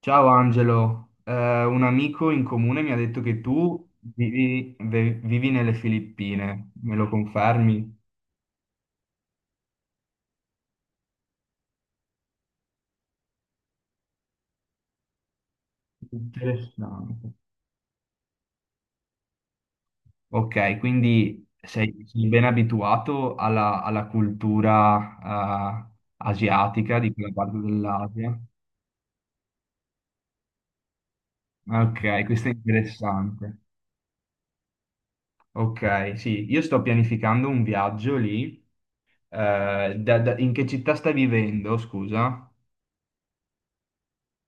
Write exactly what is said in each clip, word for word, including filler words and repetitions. Ciao Angelo, Eh, un amico in comune mi ha detto che tu vivi, ve- vivi nelle Filippine, me lo confermi? Interessante. Ok, quindi sei, sei ben abituato alla, alla cultura, eh, asiatica di quella parte dell'Asia. Ok, questo è interessante. Ok, sì, io sto pianificando un viaggio lì. Eh, da- da- in che città stai vivendo, scusa?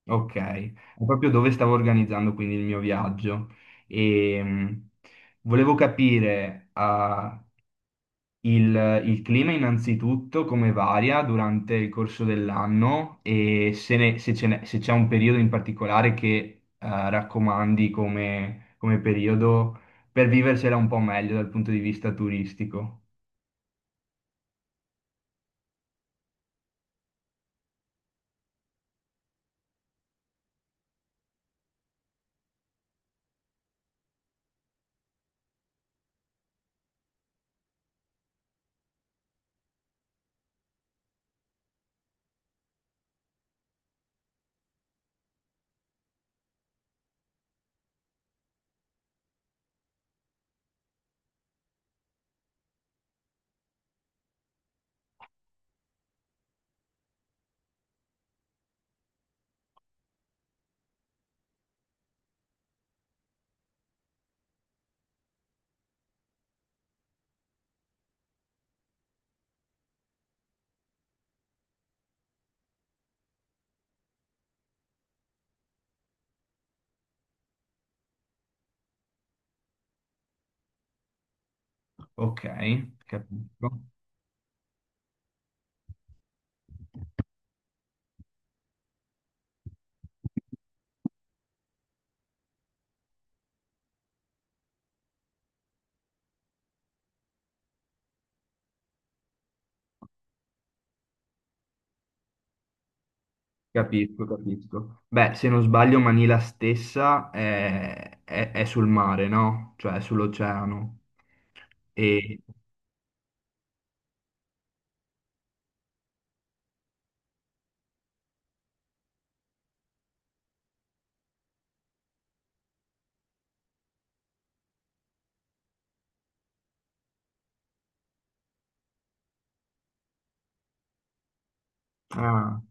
Ok, è proprio dove stavo organizzando quindi il mio viaggio e mh, volevo capire ah, il, il clima innanzitutto come varia durante il corso dell'anno e se, ne- se ce n'è- se c'è un periodo in particolare che eh, raccomandi come, come periodo per viversela un po' meglio dal punto di vista turistico. Ok, capisco. Capisco, capisco. Beh, se non sbaglio, Manila stessa è, è- è sul mare, no? Cioè, è sull'oceano. E... Ah,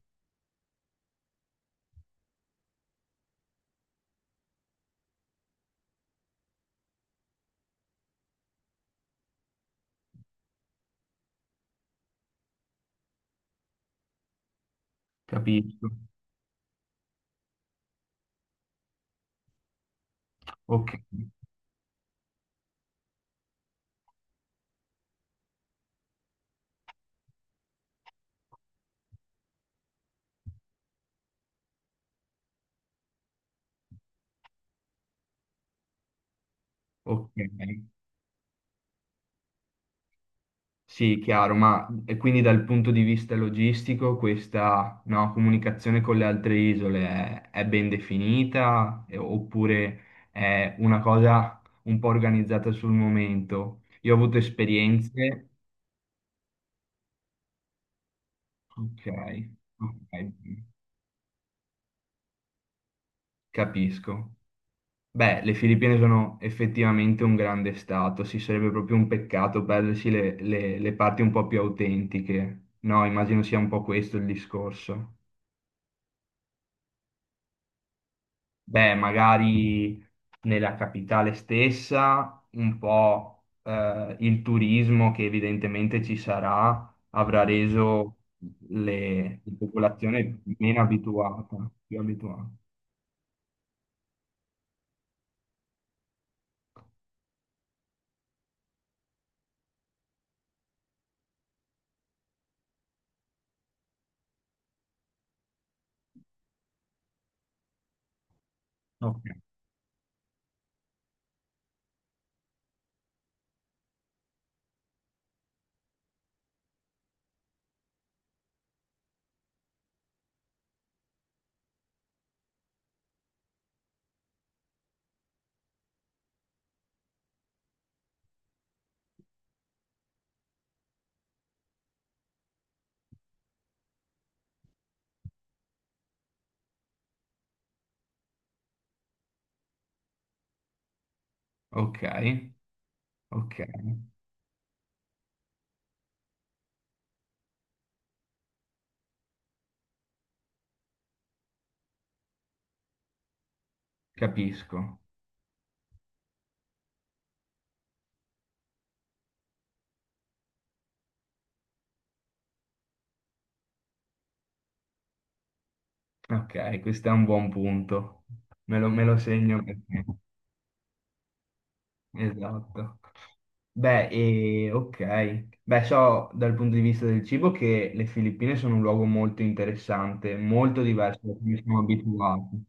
capisco. Ok, ok. Sì, chiaro, ma e quindi dal punto di vista logistico questa, no, comunicazione con le altre isole è, è ben definita E- oppure è una cosa un po' organizzata sul momento? Io ho avuto esperienze... Ok, ok, capisco. Beh, le Filippine sono effettivamente un grande stato, sì, sarebbe proprio un peccato perdersi le, le- le parti un po' più autentiche. No, immagino sia un po' questo il discorso. Beh, magari nella capitale stessa, un po' eh, il turismo che evidentemente ci sarà avrà reso le, la popolazione meno abituata, più abituata. Ok, ok, ok, capisco. Ok, questo è un buon punto. Me lo, me lo segno perché. Esatto. Beh, e, ok. Beh, so dal punto di vista del cibo che le Filippine sono un luogo molto interessante, molto diverso da cui siamo abituati.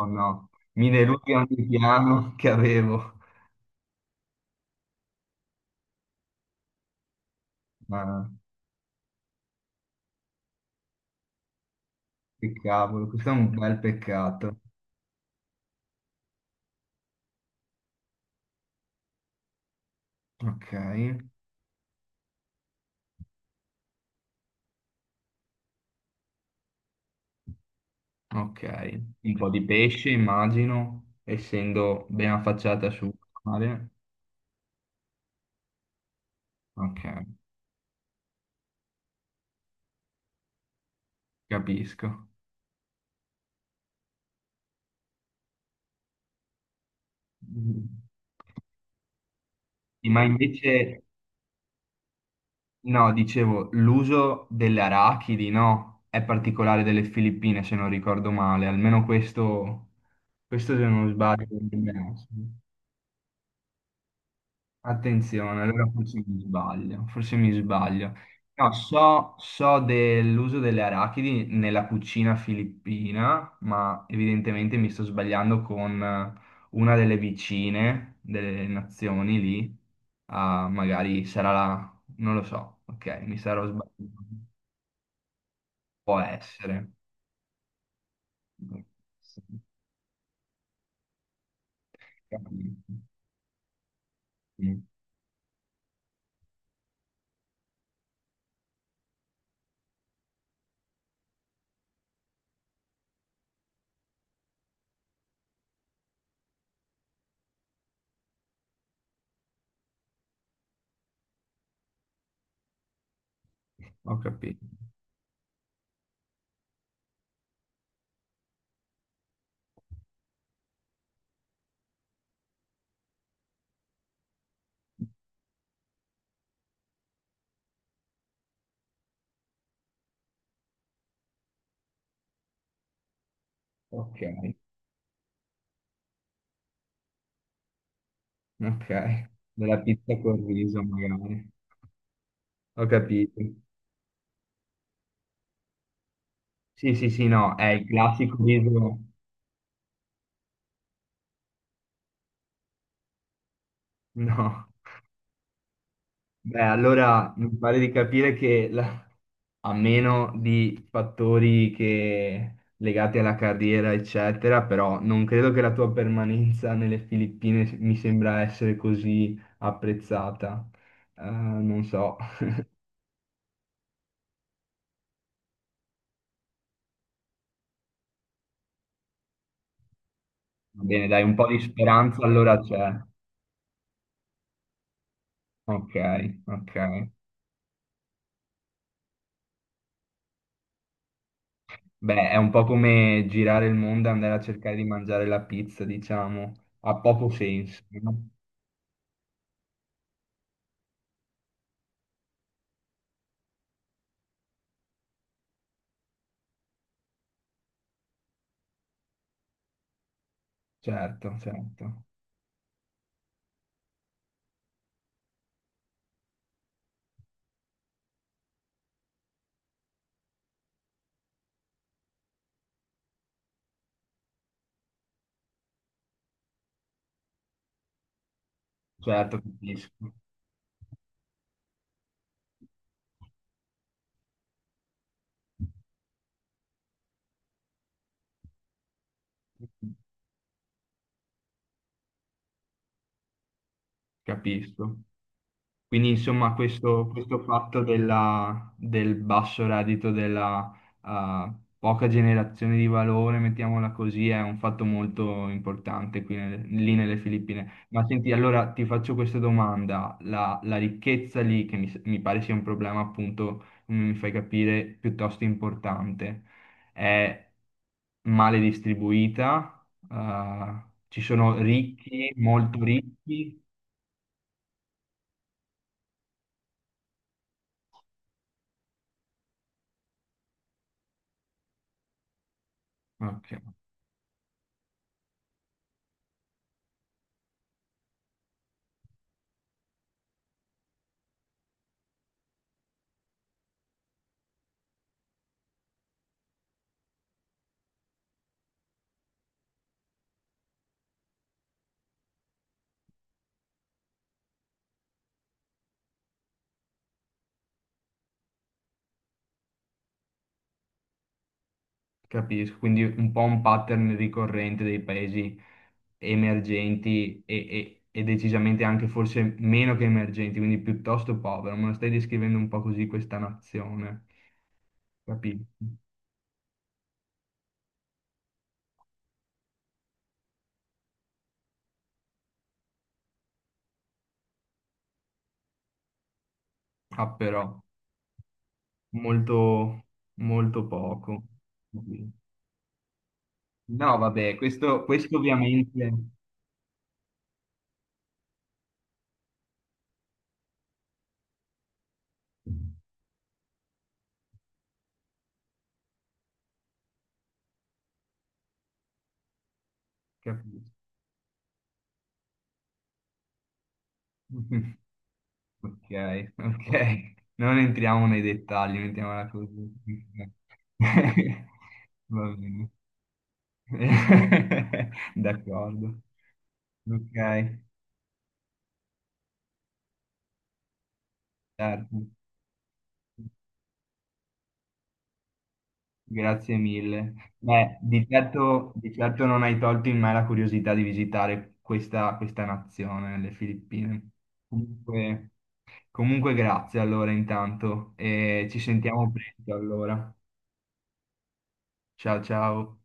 Oh no, mi deludi ogni piano che avevo. Ma che cavolo, questo è un bel peccato. Ok, ok. Un po' di pesce, immagino, essendo ben affacciata sul mare. Ok. Capisco. Mm. Sì, ma invece, no, dicevo, l'uso delle arachidi, no, è particolare delle Filippine, se non ricordo male, almeno questo, questo se non sbaglio. Non è messo. Attenzione, allora forse mi sbaglio, forse mi sbaglio. No, so, so dell'uso delle arachidi nella cucina filippina, ma evidentemente mi sto sbagliando con eh, una delle vicine delle nazioni lì. Ah, magari sarà la... non lo so, ok, mi sarò sbagliato. Può essere. Mm, ho capito. Ok, ok. Della pizza col riso magari. Ho capito. Sì, sì, sì, no, è il classico viso. No. Beh, allora mi pare di capire che la- a meno di fattori che- legati alla carriera, eccetera, però non credo che la tua permanenza nelle Filippine mi sembra essere così apprezzata. Eh, non so. Va bene, dai, un po' di speranza allora c'è. Ok, ok. Beh, è un po' come girare il mondo e andare a cercare di mangiare la pizza, diciamo, ha poco senso, no? Certo, certo, certo, capisco, capisco. Quindi insomma questo, questo fatto della- del basso reddito, della eh, poca generazione di valore, mettiamola così, è un fatto molto importante qui nel- lì nelle Filippine. Ma senti, allora ti faccio questa domanda, la, la ricchezza lì, che mi, s- mi pare sia un problema appunto, come mi fai capire, piuttosto importante, è male distribuita. Eh, ci sono ricchi, molto ricchi. Ok. Capisco, quindi un po' un pattern ricorrente dei paesi emergenti e, e- e decisamente anche forse meno che emergenti, quindi piuttosto povero. Me lo stai descrivendo un po' così questa nazione, capito? Ah, però, molto, molto poco. No, vabbè, questo, questo ovviamente... Capisco. Ok, ok. Non entriamo nei dettagli, mettiamola così. Va bene. D'accordo. Ok, certo. Grazie mille. Beh, di certo, di certo non hai tolto in me la curiosità di visitare questa, questa nazione, le Filippine. Comunque, comunque grazie allora intanto e ci sentiamo presto allora. Ciao ciao.